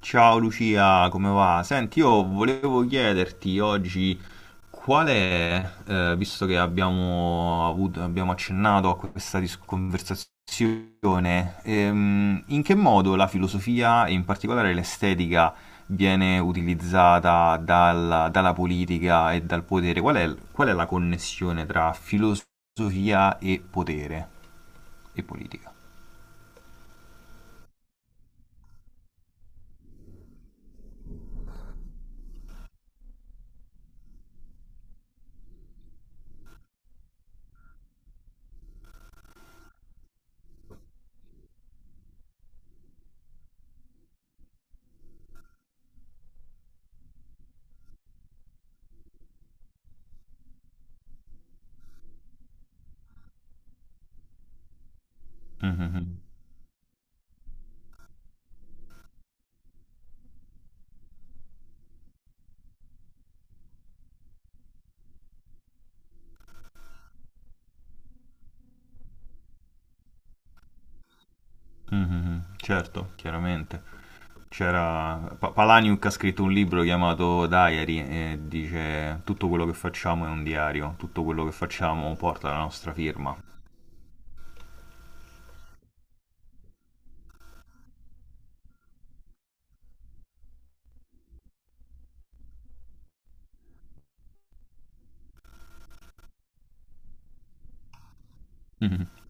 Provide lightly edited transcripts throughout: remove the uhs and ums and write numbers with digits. Ciao Lucia, come va? Senti, io volevo chiederti oggi qual è, visto che abbiamo accennato a questa conversazione, in che modo la filosofia e in particolare l'estetica viene utilizzata dalla politica e dal potere? Qual è la connessione tra filosofia e potere e politica? Mhm, mhm, certo, chiaramente. C'era Palaniuk, ha scritto un libro chiamato Diary, e dice tutto quello che facciamo è un diario, tutto quello che facciamo porta la nostra firma. Mhm.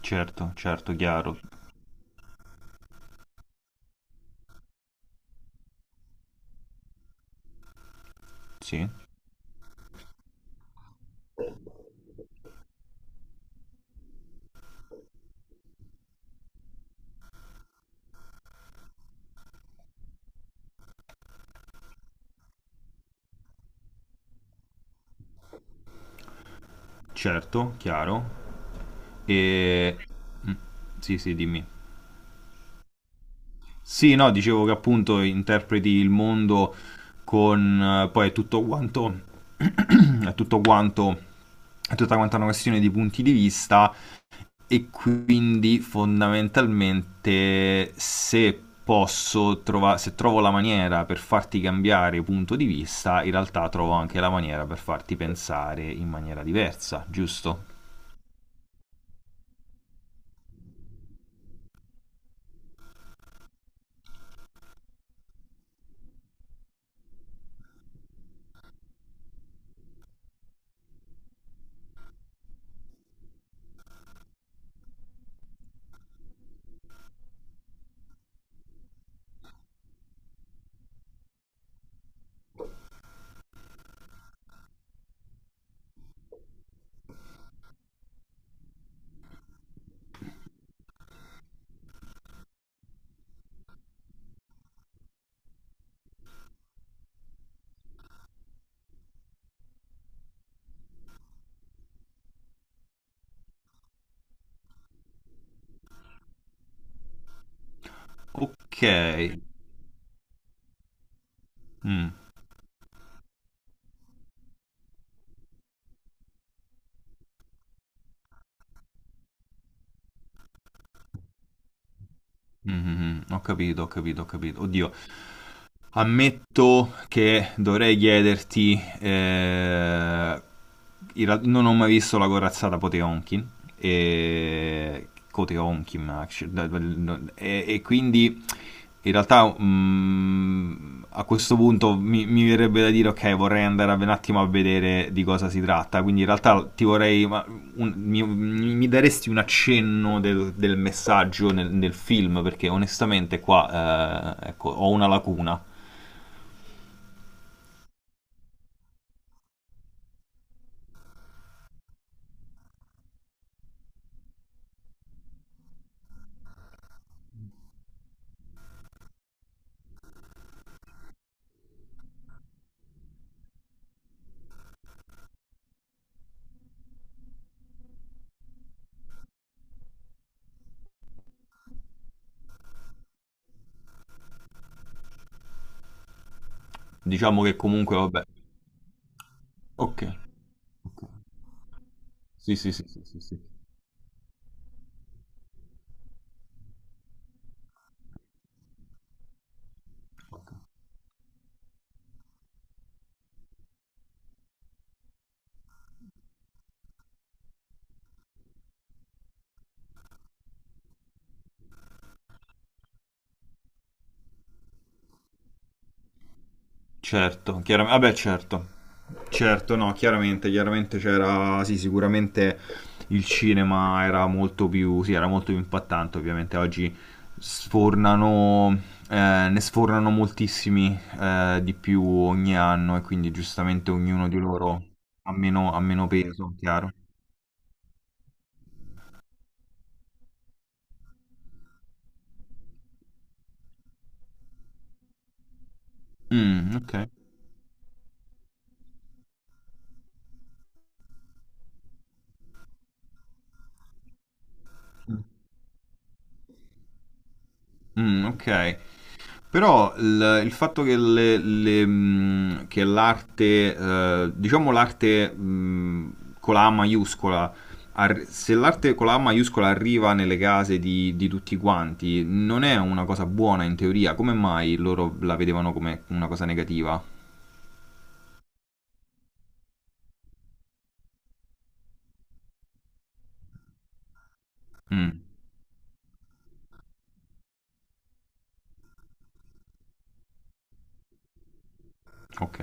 Certo, certo, chiaro, sì, certo, chiaro. E... mm, Sì, sì, dimmi. Sì, no, dicevo che appunto interpreti il mondo con poi è tutto quanto... è tutto quanto... è tutta quanta una questione di punti di vista. E quindi fondamentalmente se posso trovare, se trovo la maniera per farti cambiare punto di vista, in realtà trovo anche la maniera per farti pensare in maniera diversa, giusto? Ok. Mm, mm, mm, mm. Ho capito, ho capito, ho capito. Oddio, ammetto che dovrei chiederti, in realtà non ho mai visto la corazzata Poteonkin, e, Poteonkin e quindi in realtà a questo punto mi verrebbe da dire ok, vorrei andare un attimo a vedere di cosa si tratta, quindi in realtà ti vorrei, ma mi daresti un accenno del messaggio nel film, perché onestamente qua ecco, ho una lacuna. Diciamo che comunque, vabbè. Ok. Ok. Sì, sì, sì, sì, sì, sì. Certo, chiaramente, vabbè, certo. Certo, no, chiaramente, chiaramente c'era, sì, sicuramente il cinema era molto più, sì, era molto più impattante, ovviamente oggi sfornano, ne sfornano moltissimi di più ogni anno e quindi giustamente ognuno di loro ha meno peso, chiaro. Mm, ok. Mm, ok. Però il fatto che, che l'arte, diciamo l'arte, con la A maiuscola, se l'arte con la A maiuscola arriva nelle case di tutti quanti, non è una cosa buona in teoria. Come mai loro la vedevano come una cosa negativa? Mm, ok.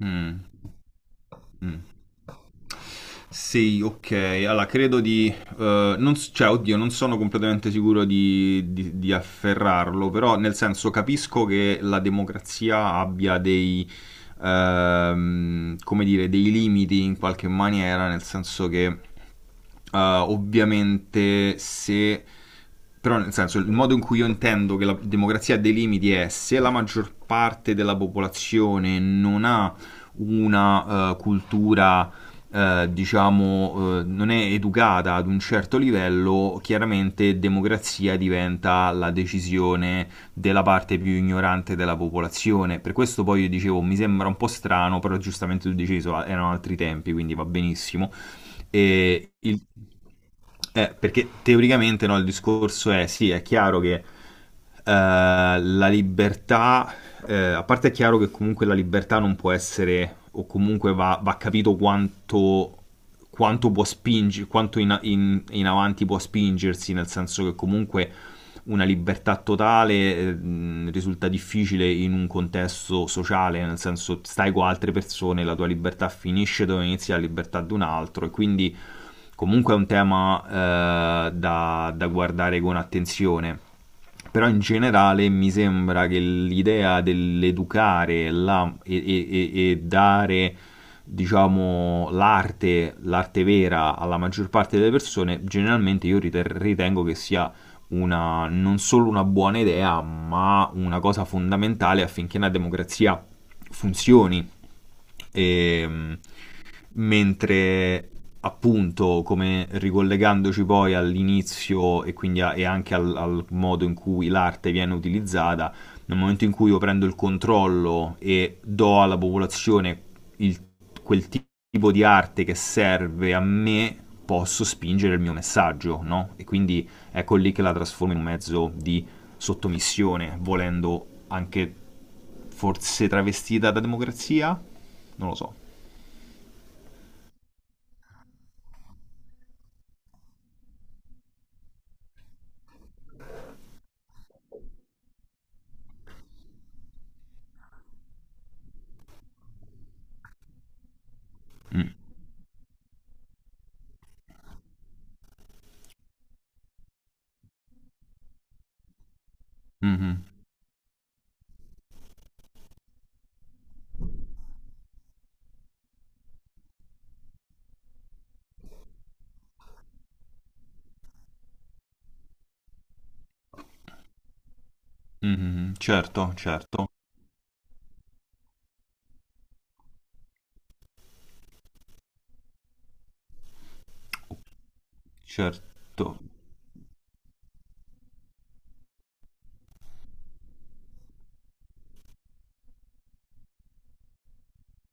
Mm, mm. Sì, ok. Allora, credo di... non s- cioè, oddio, non sono completamente sicuro di afferrarlo, però nel senso capisco che la democrazia abbia dei, come dire, dei limiti in qualche maniera, nel senso che uh, ovviamente se... Però nel senso, il modo in cui io intendo che la democrazia ha dei limiti è se la maggior parte della popolazione non ha una cultura, diciamo, non è educata ad un certo livello, chiaramente democrazia diventa la decisione della parte più ignorante della popolazione. Per questo poi io dicevo, mi sembra un po' strano, però giustamente tu dicevi, so, erano altri tempi, quindi va benissimo e il- perché teoricamente no, il discorso è sì, è chiaro che la libertà, a parte è chiaro che comunque la libertà non può essere, o comunque va, va capito quanto, quanto può spingere, quanto in avanti può spingersi, nel senso che comunque una libertà totale risulta difficile in un contesto sociale, nel senso stai con altre persone, la tua libertà finisce dove inizia la libertà di un altro, e quindi comunque è un tema da guardare con attenzione. Però in generale mi sembra che l'idea dell'educare la- e dare, diciamo, l'arte, l'arte vera alla maggior parte delle persone, generalmente io ritengo che sia una, non solo una buona idea, ma una cosa fondamentale affinché una democrazia funzioni e, mentre appunto, come ricollegandoci poi all'inizio e quindi e anche al modo in cui l'arte viene utilizzata, nel momento in cui io prendo il controllo e do alla popolazione il- quel ti- tipo di arte che serve a me, posso spingere il mio messaggio, no? E quindi ecco lì che la trasformo in un mezzo di sottomissione, volendo anche forse travestita da democrazia? Non lo so. Mm, mhm, mhm, Certo, certo, certo.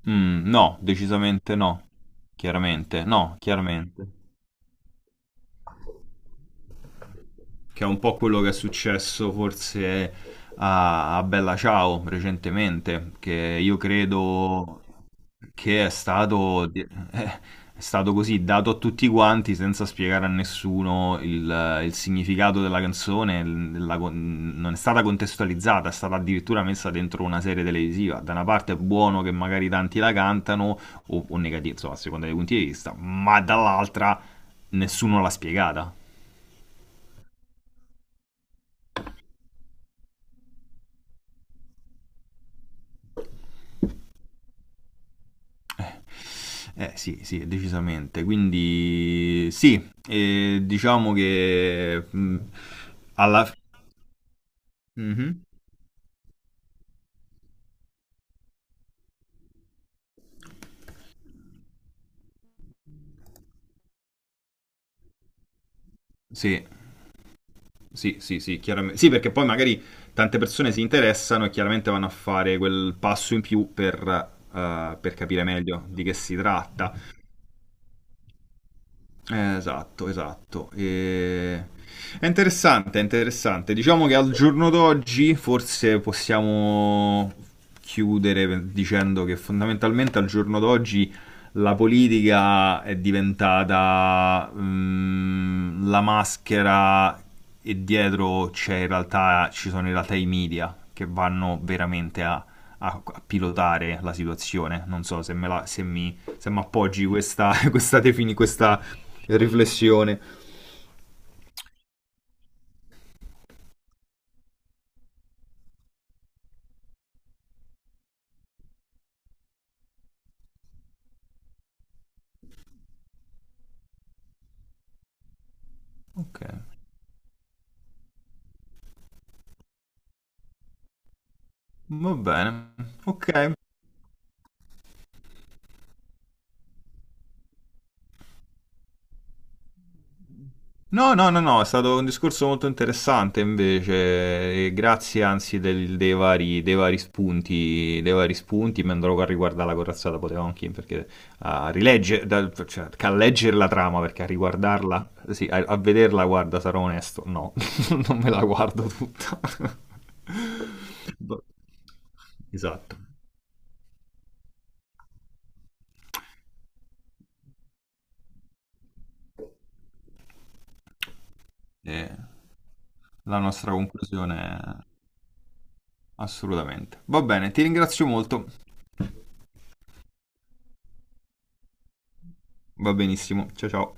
Mm, no, decisamente no. Chiaramente, no, chiaramente. Che è un po' quello che è successo forse a, a Bella Ciao recentemente, che io credo che è stato così dato a tutti quanti senza spiegare a nessuno il significato della canzone, non è stata contestualizzata, è stata addirittura messa dentro una serie televisiva. Da una parte è buono che magari tanti la cantano, o negativo, insomma, a seconda dei punti di vista, ma dall'altra nessuno l'ha spiegata. Eh sì, sì, decisamente. Quindi sì, diciamo che alla fine... Sì, sì, sì, sì, chiaramente. Sì, perché poi magari tante persone si interessano e chiaramente vanno a fare quel passo in più per capire meglio di che si tratta. Esatto, esatto. È interessante, è interessante. Diciamo che al giorno d'oggi forse possiamo chiudere dicendo che fondamentalmente al giorno d'oggi la politica è diventata la maschera, e dietro c'è in realtà, ci sono in realtà i media che vanno veramente a, a pilotare la situazione. Non so se me la- se mi se mi appoggi questa, questa questa riflessione. Ok, va bene. Ok. No, no, no, no, è stato un discorso molto interessante invece, e grazie anzi dei vari spunti, mi andrò a riguardare la corazzata Potemkin perché a rileggere, cioè, a leggere la trama, perché a riguardarla, sì, a, a vederla, guarda, sarò onesto, no, non me la guardo tutta. Boh. Esatto. E la nostra conclusione. Assolutamente. Va bene, ti ringrazio molto. Va benissimo. Ciao ciao.